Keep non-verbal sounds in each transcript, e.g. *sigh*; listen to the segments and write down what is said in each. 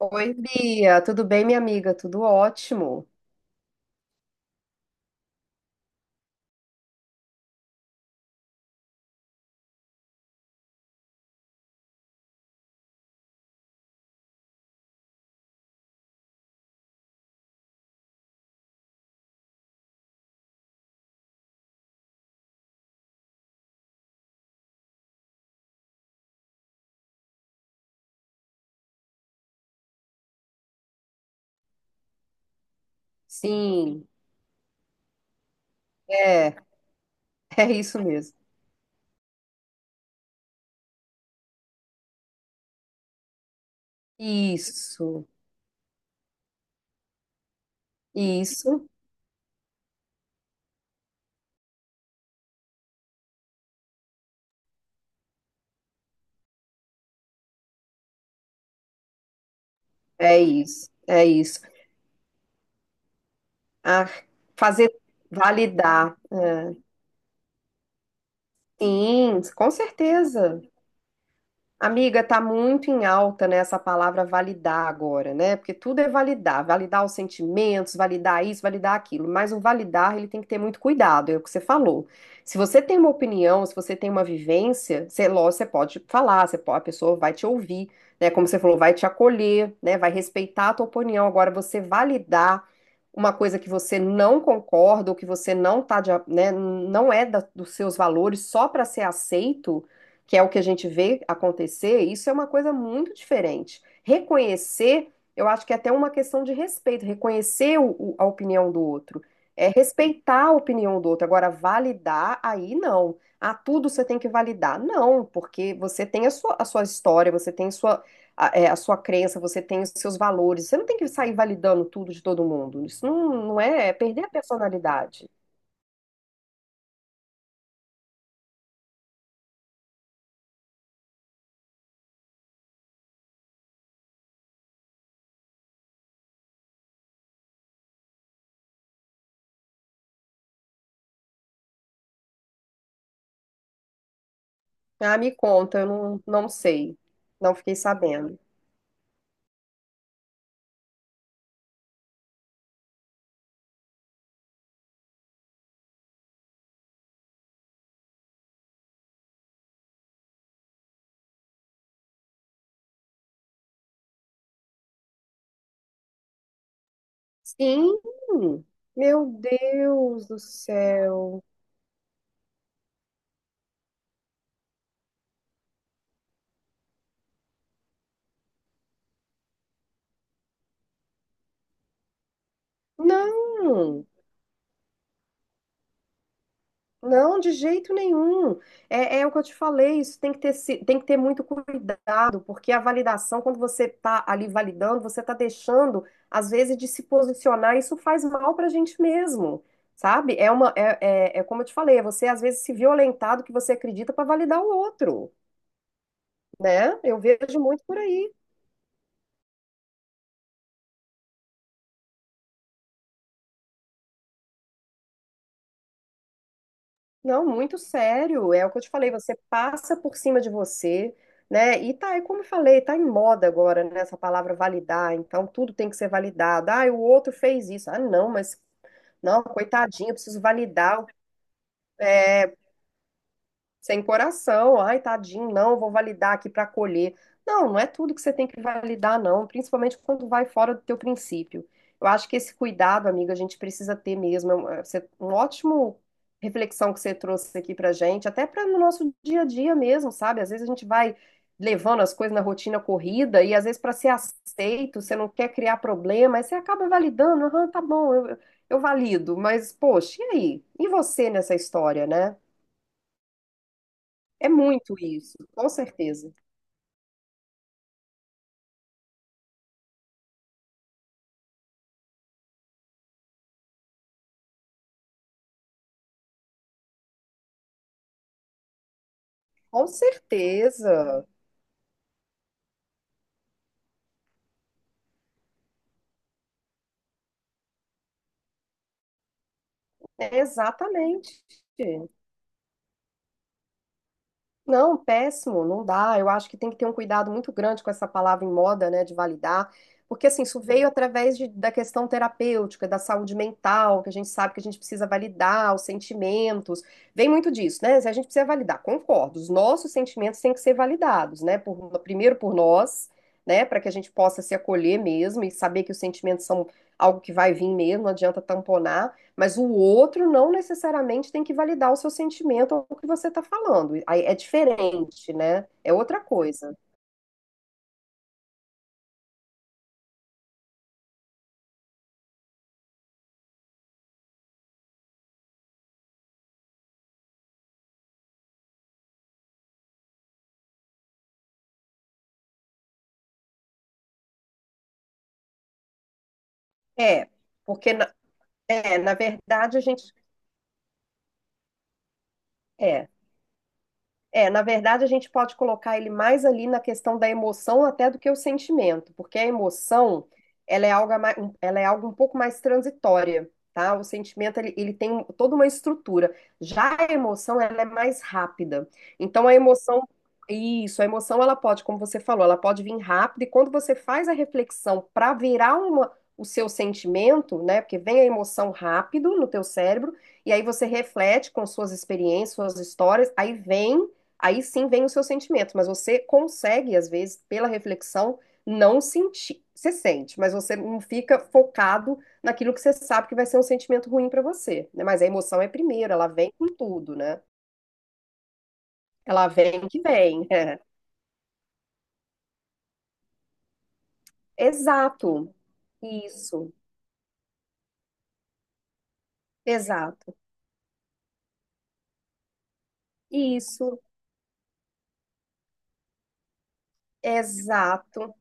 Oi, Bia, tudo bem, minha amiga? Tudo ótimo. Sim, é, *laughs* é isso mesmo. Isso, isso, é isso, é isso. Ah, fazer validar. Sim, com certeza. Amiga, tá muito em alta, né, essa palavra validar agora, né? Porque tudo é validar, validar os sentimentos, validar isso, validar aquilo. Mas o validar, ele tem que ter muito cuidado, é o que você falou. Se você tem uma opinião, se você tem uma vivência, você, lógico, você pode falar, a pessoa vai te ouvir, né? Como você falou, vai te acolher, né? Vai respeitar a tua opinião. Agora, você validar uma coisa que você não concorda ou que você não tá né, não é dos seus valores só para ser aceito, que é o que a gente vê acontecer. Isso é uma coisa muito diferente. Reconhecer, eu acho que é até uma questão de respeito, reconhecer a opinião do outro, é respeitar a opinião do outro. Agora, validar, aí não. Ah, tudo você tem que validar. Não, porque você tem a sua história, você tem a sua crença, você tem os seus valores. Você não tem que sair validando tudo de todo mundo. Isso não, não é perder a personalidade. Ah, me conta, eu não, não sei. Não fiquei sabendo. Sim, meu Deus do céu. Não, não, de jeito nenhum. É o que eu te falei, isso tem que ter, se- tem que ter muito cuidado, porque a validação, quando você está ali validando, você está deixando, às vezes, de se posicionar. Isso faz mal para a gente mesmo, sabe? É como eu te falei, é você às vezes se violentar do que você acredita para validar o outro, né? Eu vejo muito por aí. Não, muito sério. É o que eu te falei, você passa por cima de você, né? E como eu falei, tá em moda agora, né, essa palavra validar. Então tudo tem que ser validado. Ah, o outro fez isso. Ah, não, mas não, coitadinho, eu preciso validar. É, sem coração, ai, tadinho, não, vou validar aqui para acolher. Não, não é tudo que você tem que validar, não, principalmente quando vai fora do teu princípio. Eu acho que esse cuidado, amiga, a gente precisa ter mesmo. Um ótimo reflexão que você trouxe aqui pra gente, até para no nosso dia a dia mesmo, sabe? Às vezes a gente vai levando as coisas na rotina corrida e, às vezes, para ser aceito, você não quer criar problema, aí você acaba validando, aham, tá bom, eu valido, mas poxa, e aí? E você nessa história, né? É muito isso, com certeza. Com certeza. É exatamente. Não, péssimo, não dá. Eu acho que tem que ter um cuidado muito grande com essa palavra em moda, né, de validar, porque assim, isso veio da questão terapêutica, da saúde mental, que a gente sabe que a gente precisa validar os sentimentos. Vem muito disso, né? Se a gente precisa validar, concordo. Os nossos sentimentos têm que ser validados, né? Primeiro por nós, né, para que a gente possa se acolher mesmo e saber que os sentimentos são algo que vai vir mesmo. Não adianta tamponar. Mas o outro não necessariamente tem que validar o seu sentimento ou o que você está falando. Aí é diferente, né? É outra coisa. É, porque na verdade a gente. É, É, na verdade, a gente pode colocar ele mais ali na questão da emoção até do que o sentimento, porque a emoção, ela é algo, a mai- ela é algo um pouco mais transitória, tá? O sentimento, ele tem toda uma estrutura. Já a emoção, ela é mais rápida. Então, a emoção, ela pode, como você falou, ela pode vir rápida, e quando você faz a reflexão para virar o seu sentimento, né? Porque vem a emoção rápido no teu cérebro, e aí você reflete com suas experiências, suas histórias, aí sim vem o seu sentimento, mas você consegue, às vezes, pela reflexão, não sentir. Você sente, mas você não fica focado naquilo que você sabe que vai ser um sentimento ruim pra você, né? Mas a emoção é primeiro, ela vem com tudo, né? Ela vem que vem. *laughs* É. Exato. Isso. Exato. Isso. Exato.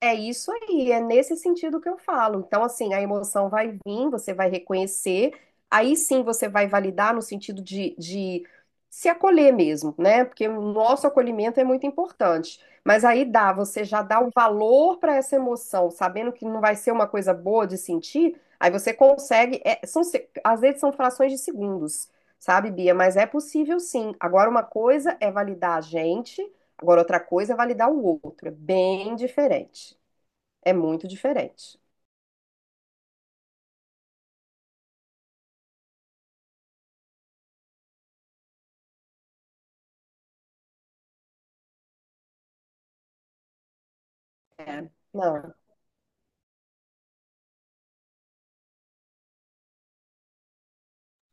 É isso aí, é nesse sentido que eu falo. Então, assim, a emoção vai vir, você vai reconhecer, aí sim você vai validar no sentido de se acolher mesmo, né? Porque o nosso acolhimento é muito importante. Mas você já dá o valor para essa emoção, sabendo que não vai ser uma coisa boa de sentir, aí você consegue. É, são, se- às vezes são frações de segundos, sabe, Bia? Mas é possível sim. Agora, uma coisa é validar a gente. Agora, outra coisa é validar o outro, é bem diferente. É muito diferente. É. Não.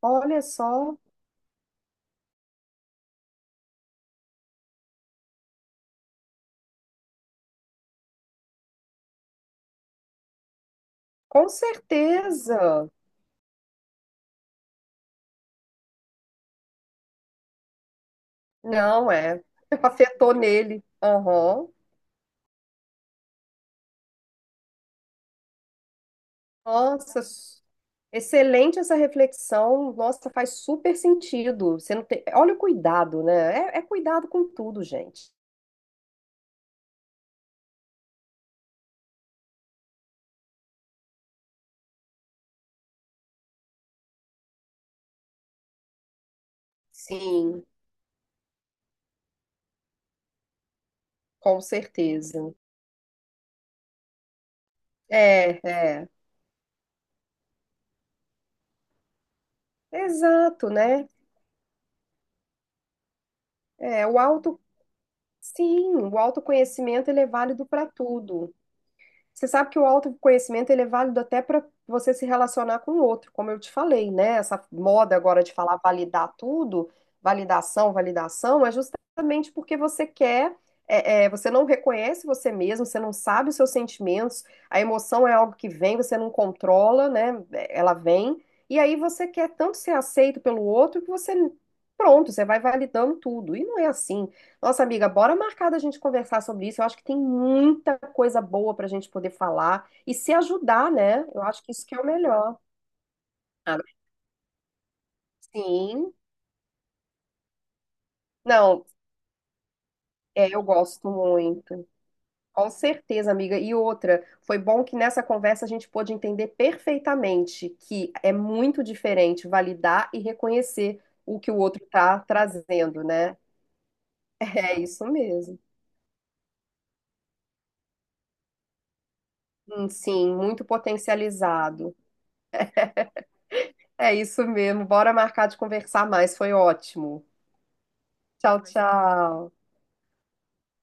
Olha só. Com certeza. Não, é. *laughs* Afetou nele. Aham. Nossa, excelente essa reflexão. Nossa, faz super sentido. Você não tem... Olha o cuidado, né? É, é cuidado com tudo, gente. Sim, com certeza. É, é. Exato, né? É, o auto... Sim, o autoconhecimento ele é válido para tudo. Você sabe que o autoconhecimento ele é válido até para você se relacionar com o outro, como eu te falei, né? Essa moda agora de falar validar tudo, validação, validação, é justamente porque você quer, você não reconhece você mesmo, você não sabe os seus sentimentos, a emoção é algo que vem, você não controla, né? Ela vem, e aí você quer tanto ser aceito pelo outro que você, pronto, você vai validando tudo. E não é assim. Nossa, amiga, bora marcar da gente conversar sobre isso. Eu acho que tem muita coisa boa para a gente poder falar e se ajudar, né? Eu acho que isso que é o melhor. Ah, sim. Não, eu gosto muito. Com certeza, amiga. E outra, foi bom que nessa conversa a gente pôde entender perfeitamente que é muito diferente validar e reconhecer o que o outro está trazendo, né? *laughs* É isso mesmo. Sim, muito potencializado. É isso mesmo. Bora marcar de conversar mais. Foi ótimo. Tchau, tchau.